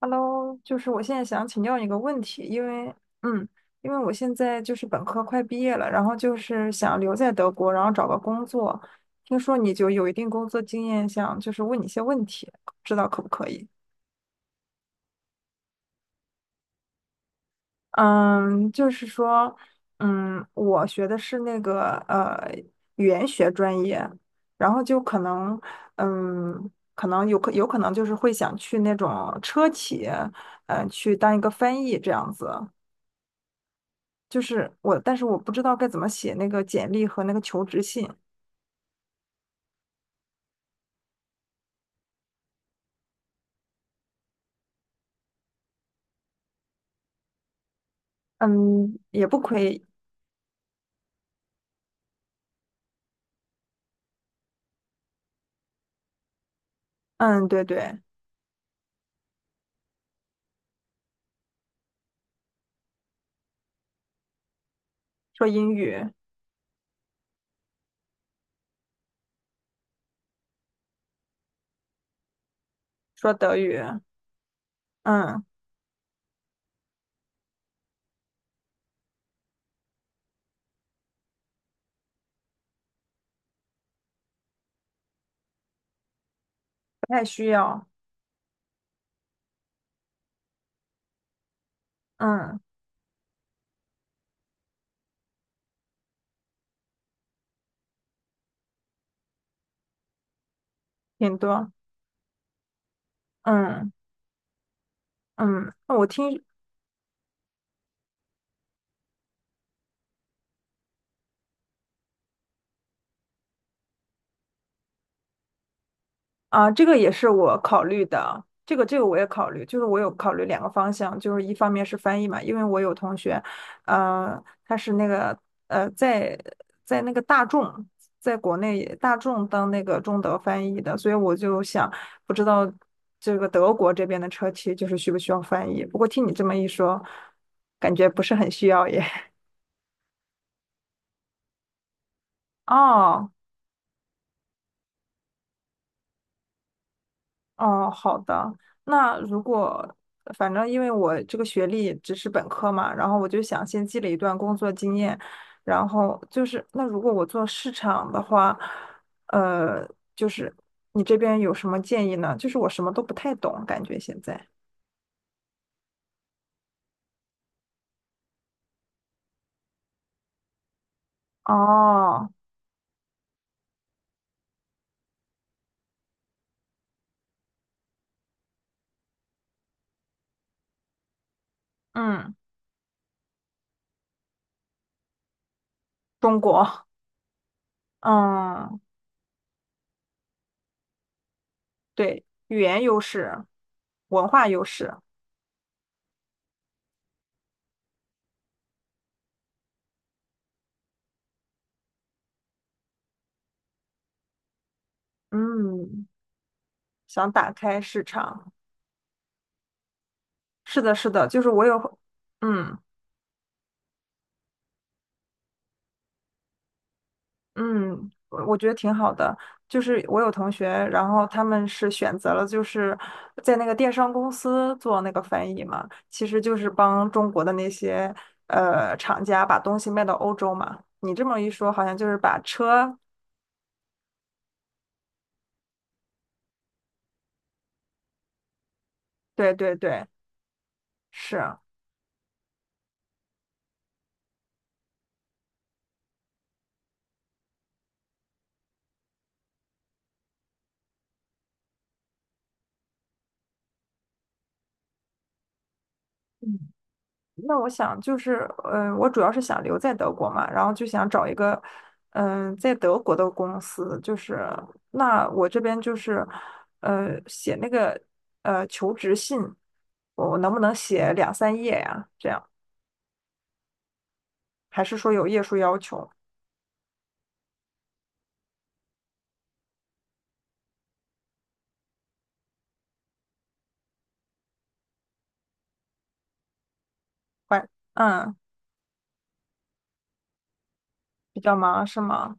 Hello，就是我现在想请教你个问题，因为，嗯，因为我现在就是本科快毕业了，然后就是想留在德国，然后找个工作。听说你就有一定工作经验，想就是问你一些问题，不知道可不可以？嗯，就是说，我学的是那个语言学专业，然后就可能，可能有可能就是会想去那种车企，嗯、去当一个翻译这样子。就是我，但是我不知道该怎么写那个简历和那个求职信。嗯，也不亏。嗯，对对。说英语。说德语。嗯，不太需要。嗯，挺多。嗯嗯，那我听。啊，这个也是我考虑的，这个我也考虑，就是我有考虑两个方向，就是一方面是翻译嘛，因为我有同学，他是那个呃在在那个大众，在国内大众当那个中德翻译的，所以我就想不知道这个德国这边的车企就是需不需要翻译，不过听你这么一说，感觉不是很需要耶。哦，哦，好的。那如果反正因为我这个学历只是本科嘛，然后我就想先积累一段工作经验，然后就是那如果我做市场的话，呃，就是你这边有什么建议呢？就是我什么都不太懂，感觉现在。哦。嗯，中国。嗯，对，语言优势，文化优势。嗯，想打开市场。是的，是的，就是我有。嗯。嗯，我我觉得挺好的。就是我有同学，然后他们是选择了就是在那个电商公司做那个翻译嘛，其实就是帮中国的那些厂家把东西卖到欧洲嘛。你这么一说，好像就是把车。对对对，是。那我想就是，我主要是想留在德国嘛，然后就想找一个，嗯、在德国的公司，就是那我这边就是，写那个求职信，我能不能写两三页呀？这样还是说有页数要求？快。嗯，比较忙是吗？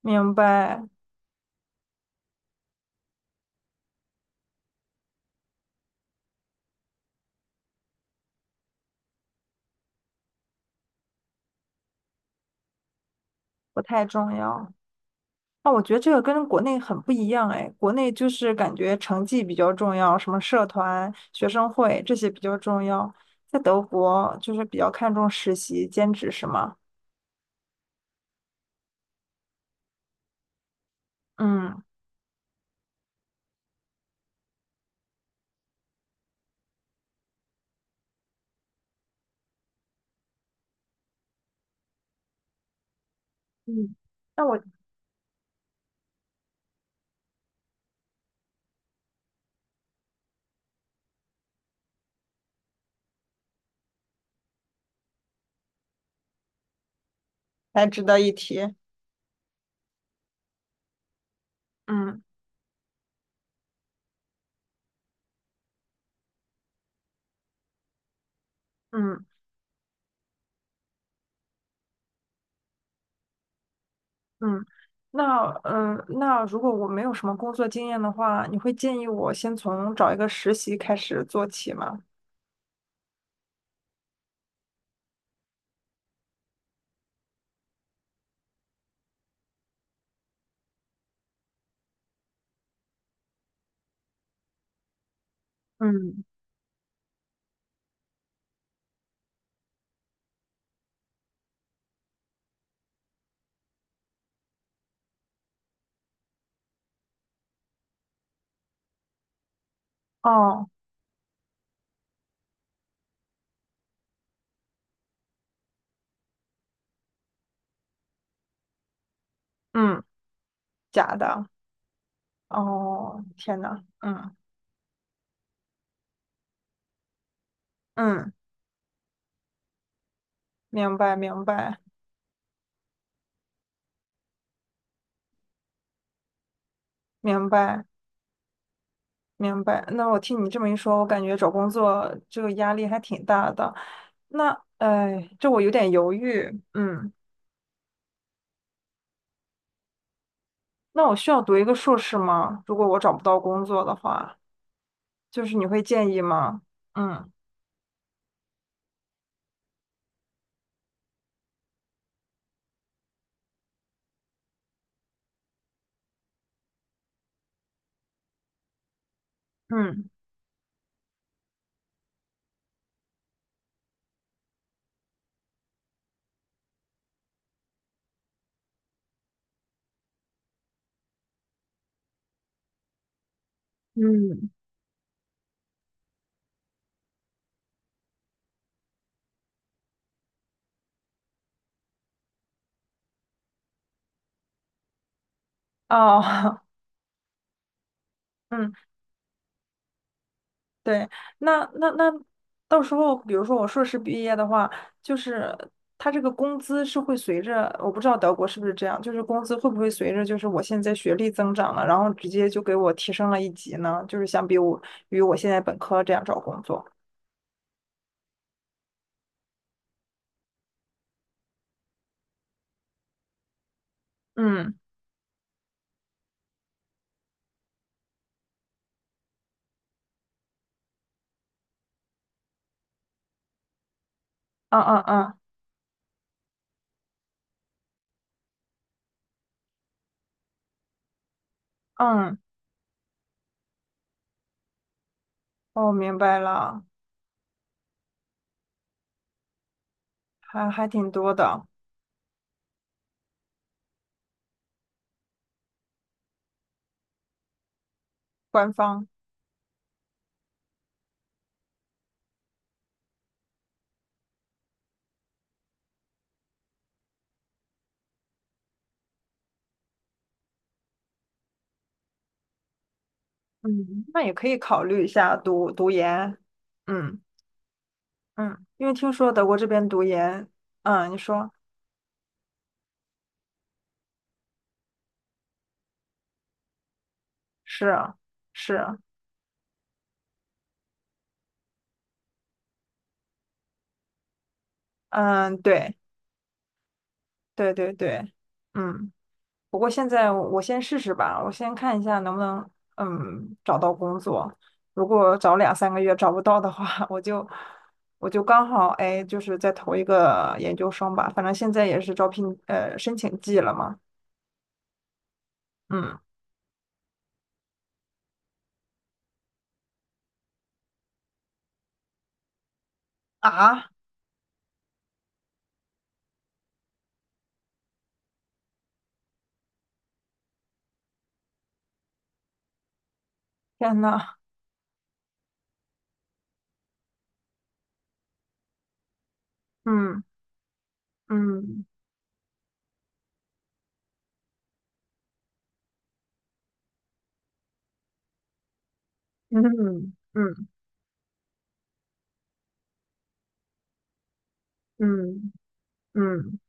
明白，不太重要。那我觉得这个跟国内很不一样哎，国内就是感觉成绩比较重要，什么社团、学生会这些比较重要。在德国就是比较看重实习、兼职，是吗？嗯。嗯，那我还值得一提。嗯嗯嗯，那那如果我没有什么工作经验的话，你会建议我先从找一个实习开始做起吗？嗯。哦。嗯，假的。哦，天呐。嗯嗯，明白明白。明白，明白。那我听你这么一说，我感觉找工作这个压力还挺大的。那，哎，这我有点犹豫。嗯，那我需要读一个硕士吗？如果我找不到工作的话，就是你会建议吗？嗯嗯嗯，哦，嗯。对，那到时候，比如说我硕士毕业的话，就是他这个工资是会随着，我不知道德国是不是这样，就是工资会不会随着就是我现在学历增长了，然后直接就给我提升了一级呢？就是相比我与我现在本科这样找工作。嗯嗯嗯嗯嗯。哦，明白了，还还挺多的，官方。嗯，那也可以考虑一下读读研。嗯嗯，因为听说德国这边读研。嗯，你说。是啊。是啊。嗯，对对对对，嗯。不过现在我先试试吧，我先看一下能不能嗯找到工作。如果找两三个月找不到的话，我就刚好哎，就是再投一个研究生吧。反正现在也是招聘申请季了嘛。嗯。啊，天呐。嗯嗯嗯嗯嗯嗯嗯。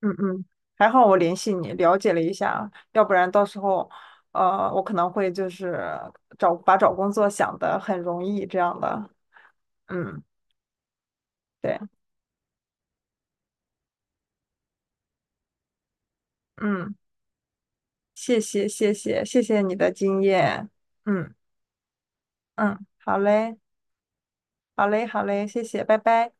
嗯嗯，还好我联系你，了解了一下，要不然到时候，我可能会就是找把找工作想的很容易这样的。嗯，对，嗯，谢谢谢谢谢谢你的经验，嗯嗯，好嘞好嘞好嘞，谢谢，拜拜。